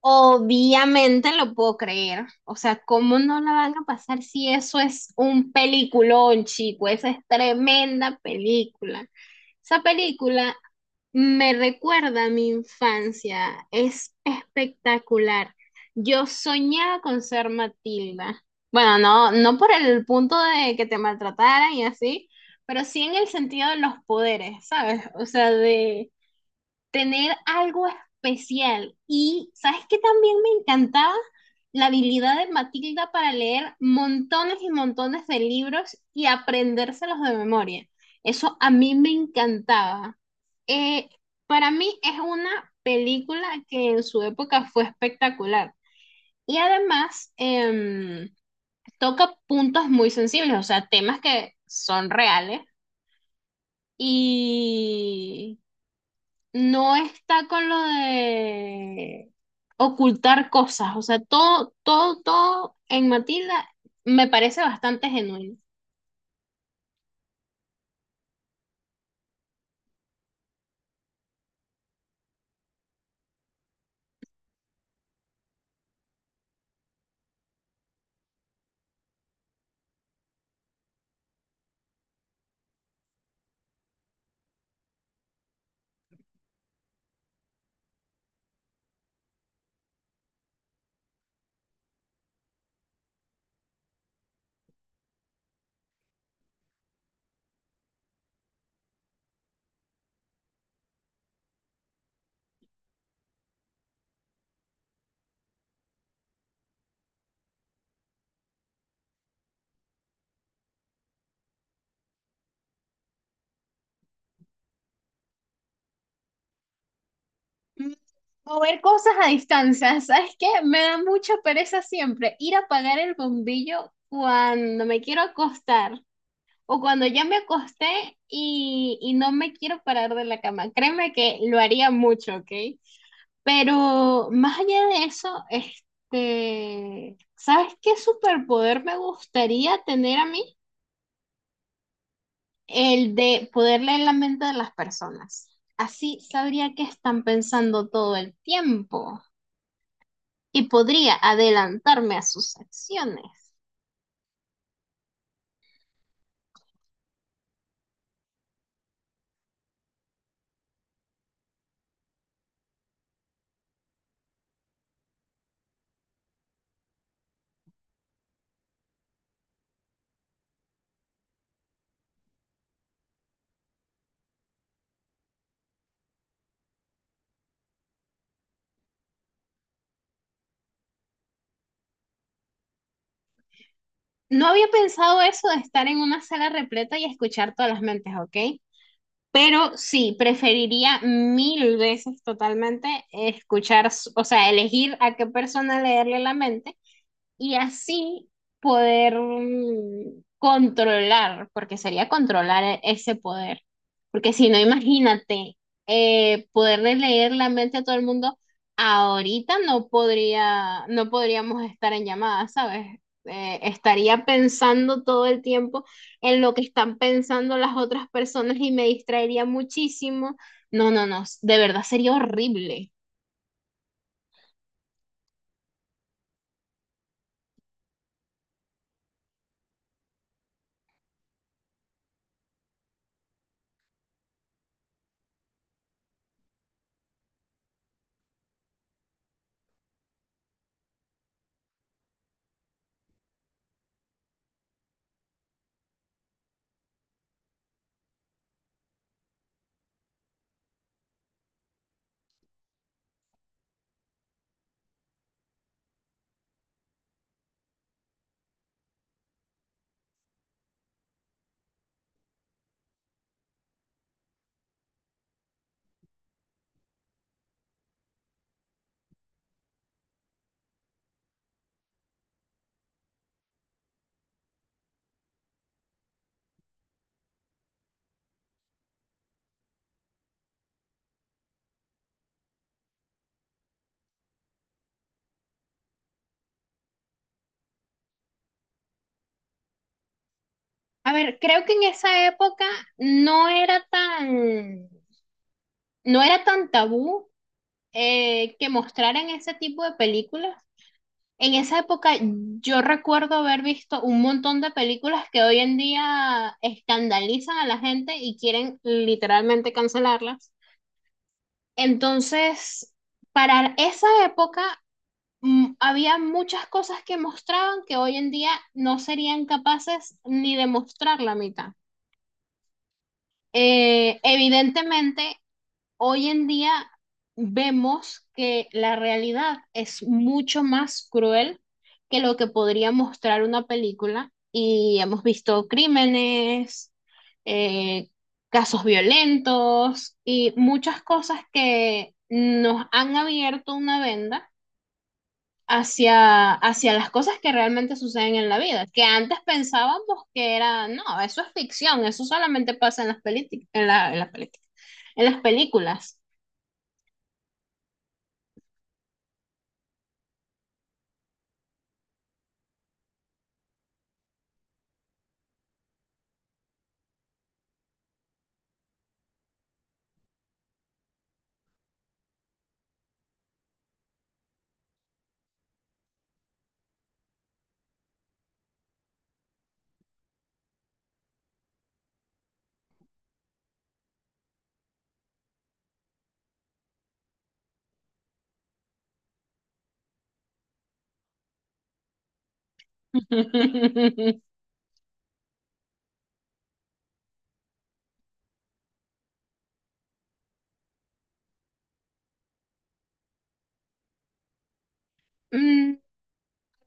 Obviamente lo puedo creer. O sea, ¿cómo no la van a pasar si eso es un peliculón, chico? Esa es tremenda película. Esa película me recuerda a mi infancia. Es espectacular. Yo soñaba con ser Matilda. Bueno, no por el punto de que te maltrataran y así, pero sí en el sentido de los poderes, ¿sabes? O sea, de tener algo especial. Y sabes que también me encantaba la habilidad de Matilda para leer montones y montones de libros y aprendérselos de memoria. Eso a mí me encantaba. Eh, para mí es una película que en su época fue espectacular. Y además toca puntos muy sensibles, o sea, temas que son reales y no está con lo de ocultar cosas, o sea, todo en Matilda me parece bastante genuino. Mm, Mover cosas a distancia, ¿sabes qué? Me da mucha pereza siempre ir a apagar el bombillo cuando me quiero acostar o cuando ya me acosté y no me quiero parar de la cama. Créeme que lo haría mucho, ¿ok? Pero más allá de eso, este, ¿sabes qué superpoder me gustaría tener a mí? El de poder leer la mente de las personas. Así sabría qué están pensando todo el tiempo y podría adelantarme a sus acciones. No había pensado eso de estar en una sala repleta y escuchar todas las mentes, ¿ok? Pero sí, preferiría mil veces totalmente escuchar, o sea, elegir a qué persona leerle la mente y así poder controlar, porque sería controlar ese poder. Porque si no, imagínate, poderle leer la mente a todo el mundo, ahorita no podríamos estar en llamada, ¿sabes? Estaría pensando todo el tiempo en lo que están pensando las otras personas y me distraería muchísimo. No, no, no, de verdad sería horrible. A ver, creo que en esa época no era tan no era tan tabú que mostraran ese tipo de películas. En esa época yo recuerdo haber visto un montón de películas que hoy en día escandalizan a la gente y quieren literalmente cancelarlas. Entonces, para esa época había muchas cosas que mostraban que hoy en día no serían capaces ni de mostrar la mitad. Evidentemente, hoy en día vemos que la realidad es mucho más cruel que lo que podría mostrar una película y hemos visto crímenes, eh, casos violentos y muchas cosas que nos han abierto una venda hacia las cosas que realmente suceden en la vida, que antes pensábamos que era, no, eso es ficción, eso solamente pasa en las, en las películas, en las películas. Mm,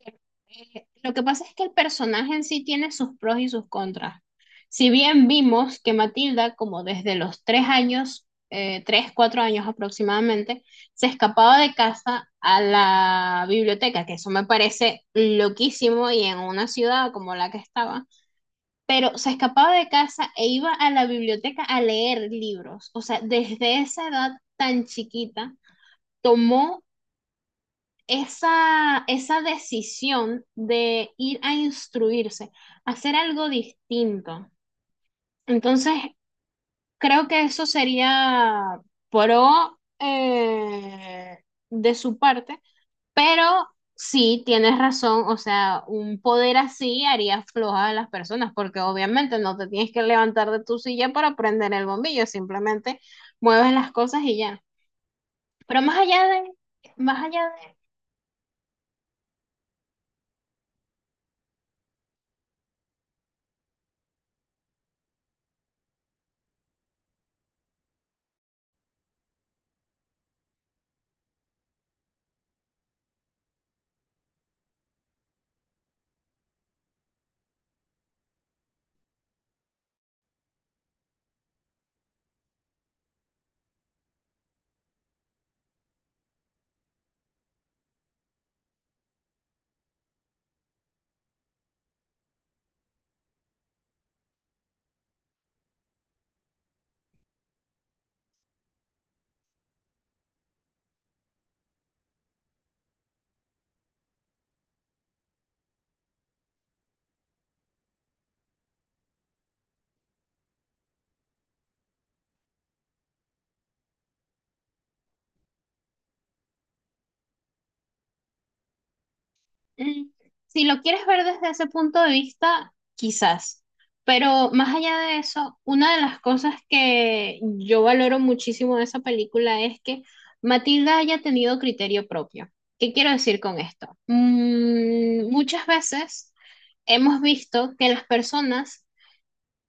lo que pasa es que el personaje en sí tiene sus pros y sus contras. Si bien vimos que Matilda, como desde los tres años, cuatro años aproximadamente, se escapaba de casa a la biblioteca, que eso me parece loquísimo y en una ciudad como la que estaba, pero se escapaba de casa e iba a la biblioteca a leer libros. O sea, desde esa edad tan chiquita, tomó esa decisión de ir a instruirse, hacer algo distinto. Entonces, creo que eso sería pro de su parte, pero sí, tienes razón, o sea, un poder así haría floja a las personas, porque obviamente no te tienes que levantar de tu silla para prender el bombillo, simplemente mueves las cosas y ya. Pero más allá de, más allá. Mm, Si lo quieres ver desde ese punto de vista, quizás. Pero más allá de eso, una de las cosas que yo valoro muchísimo de esa película es que Matilda haya tenido criterio propio. ¿Qué quiero decir con esto? Muchas veces hemos visto que las personas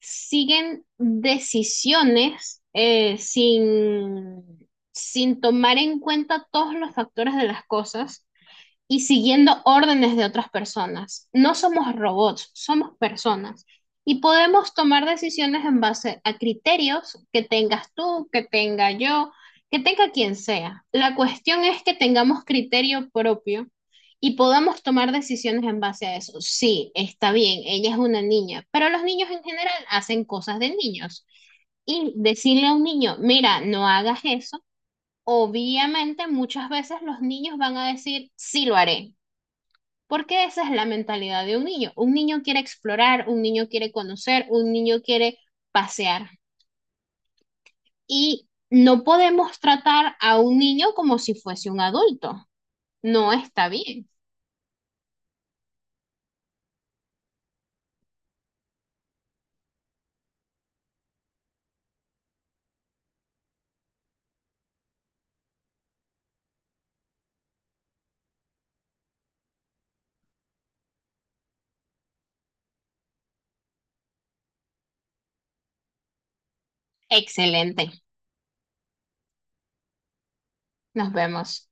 siguen decisiones sin tomar en cuenta todos los factores de las cosas y siguiendo órdenes de otras personas. No somos robots, somos personas. Y podemos tomar decisiones en base a criterios que tengas tú, que tenga yo, que tenga quien sea. La cuestión es que tengamos criterio propio y podamos tomar decisiones en base a eso. Sí, está bien, ella es una niña, pero los niños en general hacen cosas de niños. Y decirle a un niño, mira, no hagas eso, obviamente muchas veces los niños van a decir, sí lo haré, porque esa es la mentalidad de un niño. Un niño quiere explorar, un niño quiere conocer, un niño quiere pasear. Y no podemos tratar a un niño como si fuese un adulto. No está bien. Excelente. Nos vemos.